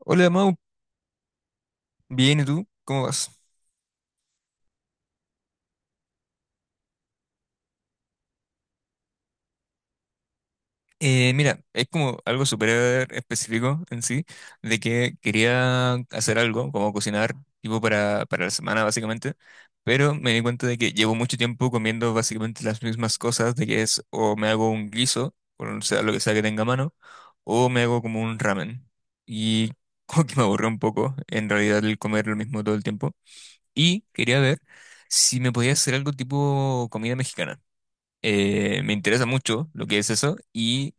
Hola, Mau. Bien, ¿y tú? ¿Cómo vas? Mira, es como algo súper específico en sí, de que quería hacer algo, como cocinar, tipo para la semana, básicamente, pero me di cuenta de que llevo mucho tiempo comiendo básicamente las mismas cosas, de que es o me hago un guiso, o sea, lo que sea que tenga a mano, o me hago como un ramen. Y como que me aburrió un poco, en realidad, el comer lo mismo todo el tiempo. Y quería ver si me podía hacer algo tipo comida mexicana. Me interesa mucho lo que es eso y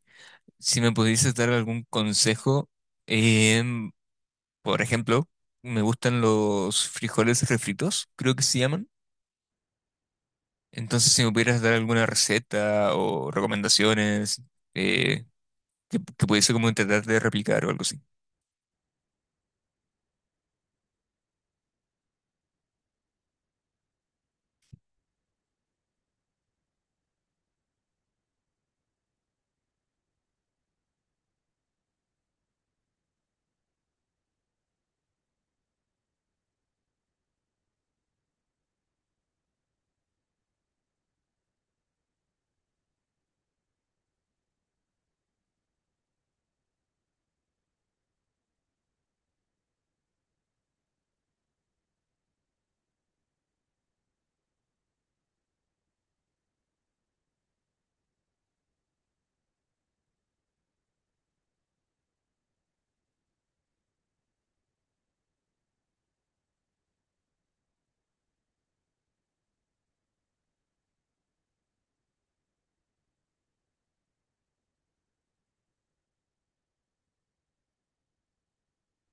si me pudieses dar algún consejo, em, por ejemplo, me gustan los frijoles refritos, creo que se llaman. Entonces, si me pudieras dar alguna receta o recomendaciones eh, que pudiese como intentar de replicar o algo así.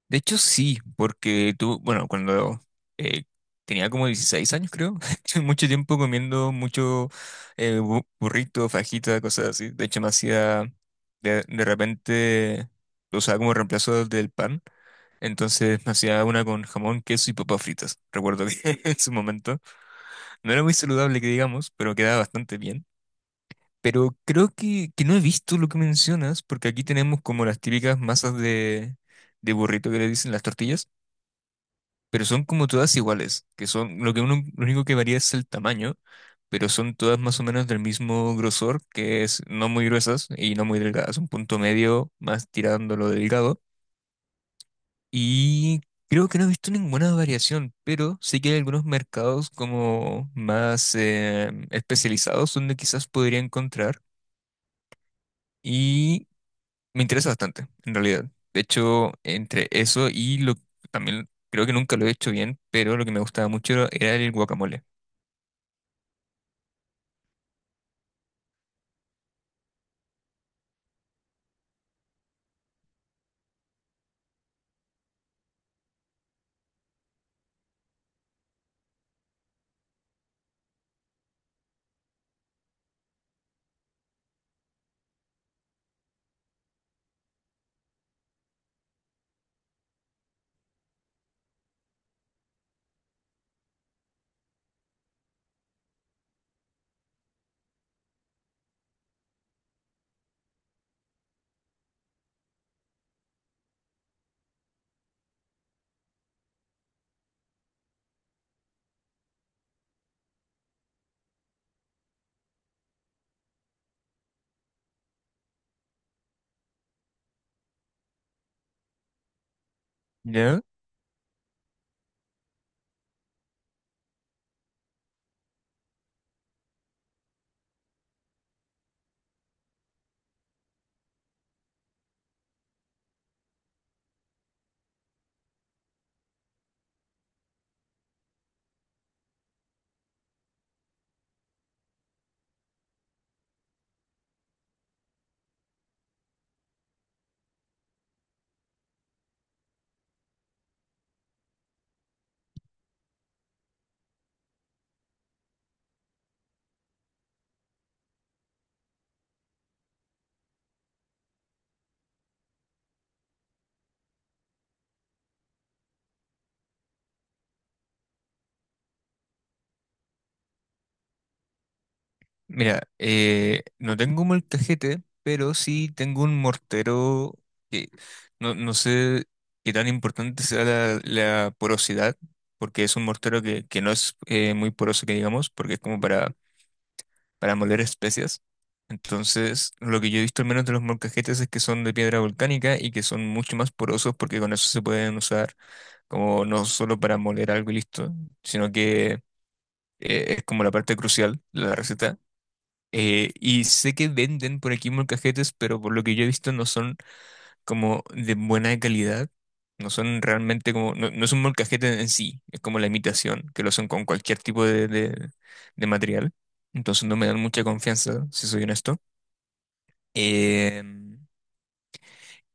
De hecho, sí, porque tú, bueno, cuando eh, tenía como 16 años, creo, estuve mucho tiempo comiendo mucho burrito, fajita, cosas así. De hecho, me hacía, de repente, lo usaba como reemplazo del pan. Entonces me hacía una con jamón, queso y papas fritas. Recuerdo que en su momento no era muy saludable, que digamos, pero quedaba bastante bien. Pero creo que no he visto lo que mencionas, porque aquí tenemos como las típicas masas de burrito que le dicen las tortillas, pero son como todas iguales, que son, lo que uno, lo único que varía es el tamaño, pero son todas más o menos del mismo grosor, que es no muy gruesas y no muy delgadas, un punto medio más tirándolo delgado. Y creo que no he visto ninguna variación, pero sí que hay algunos mercados como más especializados donde quizás podría encontrar y me interesa bastante, en realidad. De hecho, entre eso y lo también creo que nunca lo he hecho bien, pero lo que me gustaba mucho era el guacamole. ¿Ya? Mira, no tengo un molcajete, pero sí tengo un mortero que no sé qué tan importante sea la porosidad, porque es un mortero que no es muy poroso, que digamos, porque es como para moler especias. Entonces, lo que yo he visto al menos de los molcajetes es que son de piedra volcánica y que son mucho más porosos porque con eso se pueden usar como no solo para moler algo y listo, sino que es como la parte crucial de la receta. Y sé que venden por aquí molcajetes, pero por lo que yo he visto no son como de buena calidad. No son realmente como, no, no es un molcajete en sí, es como la imitación, que lo hacen con cualquier tipo de material. Entonces no me dan mucha confianza, si soy honesto. Em,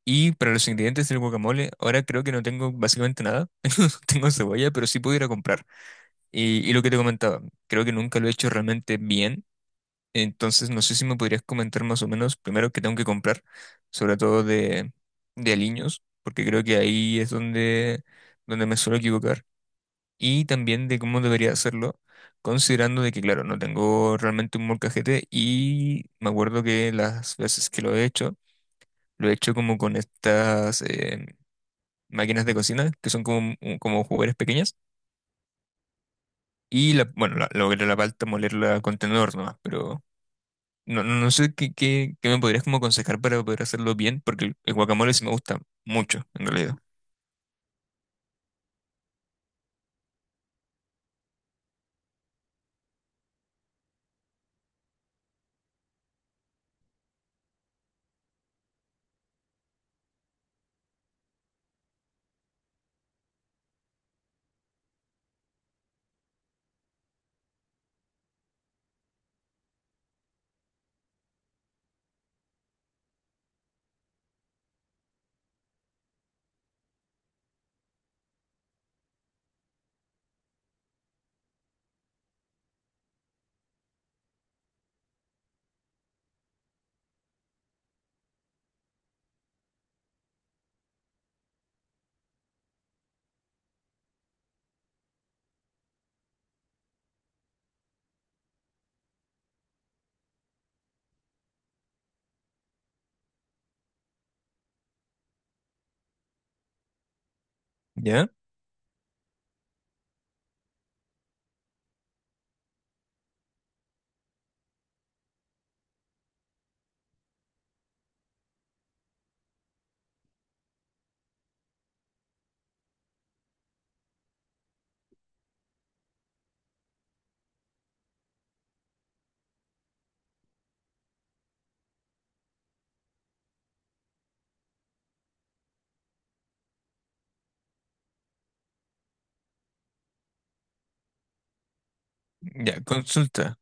y para los ingredientes del guacamole, ahora creo que no tengo básicamente nada. Tengo cebolla, pero sí puedo ir a comprar. Y lo que te comentaba, creo que nunca lo he hecho realmente bien. Entonces, no sé si me podrías comentar más o menos, primero, qué tengo que comprar, sobre todo de aliños, porque creo que ahí es donde me suelo equivocar, y también de cómo debería hacerlo, considerando de que, claro, no tengo realmente un molcajete y me acuerdo que las veces que lo he hecho como con estas máquinas de cocina, que son como, como juguetes pequeñas, y la, bueno, la, logré la palta molerla con tenedor nomás, pero... No sé qué me podrías como aconsejar para poder hacerlo bien, porque el guacamole sí me gusta mucho, en realidad. ¿Ya? Ya, consulta.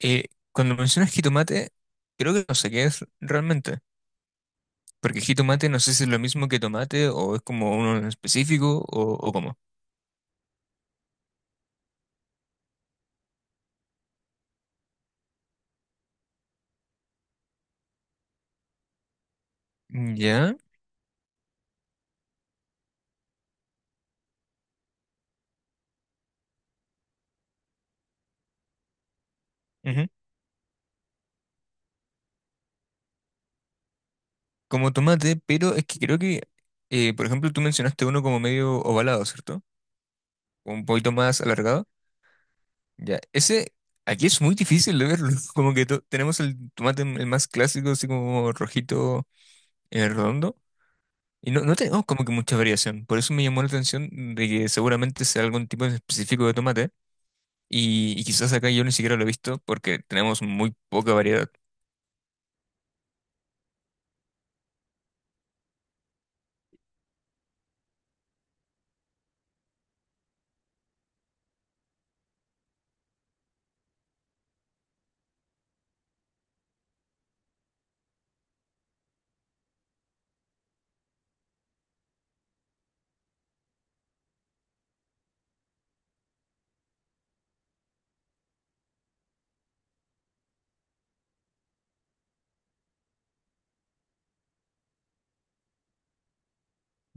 Eh, Cuando mencionas jitomate, creo que no sé qué es realmente. Porque jitomate no sé si es lo mismo que tomate o es como uno en específico o cómo. ¿Ya? Ujú. Como tomate, pero es que creo que, por ejemplo, tú mencionaste uno como medio ovalado, ¿cierto? Un poquito más alargado. Ya, ese aquí es muy difícil de verlo. Como que tenemos el tomate el más clásico, así como rojito, redondo. Y no, no tenemos como que mucha variación. Por eso me llamó la atención de que seguramente sea algún tipo en específico de tomate. Y quizás acá yo ni siquiera lo he visto porque tenemos muy poca variedad.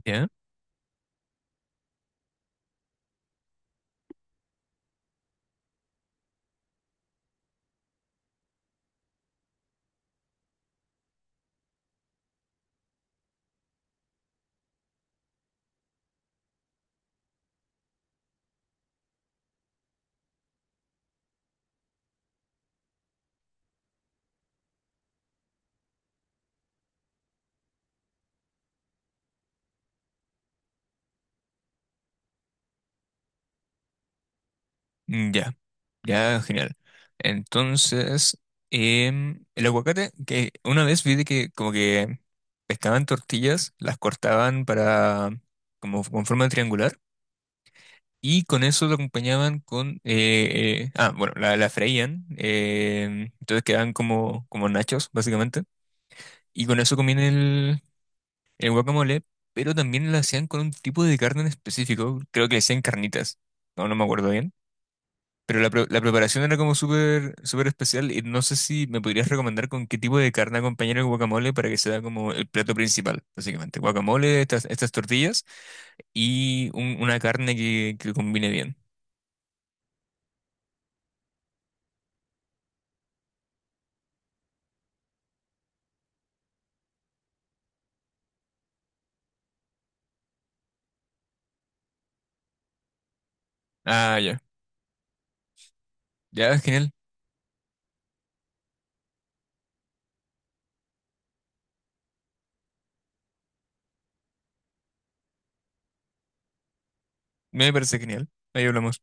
¿Ya? Mm. Ya, ya, genial. Entonces, el aguacate, que una vez vi de que como que pescaban tortillas, las cortaban para como con forma triangular. Y con eso lo acompañaban con... bueno, la freían. Entonces quedaban como, como nachos, básicamente. Y con eso comían el guacamole, pero también lo hacían con un tipo de carne en específico. Creo que le hacían carnitas. No me acuerdo bien. Pero la preparación era como súper súper especial y no sé si me podrías recomendar con qué tipo de carne acompañar el guacamole para que sea como el plato principal, básicamente. Guacamole, estas, estas tortillas y una carne que combine bien. Ah, ya. Ya, genial. Me parece genial. Ahí hablamos.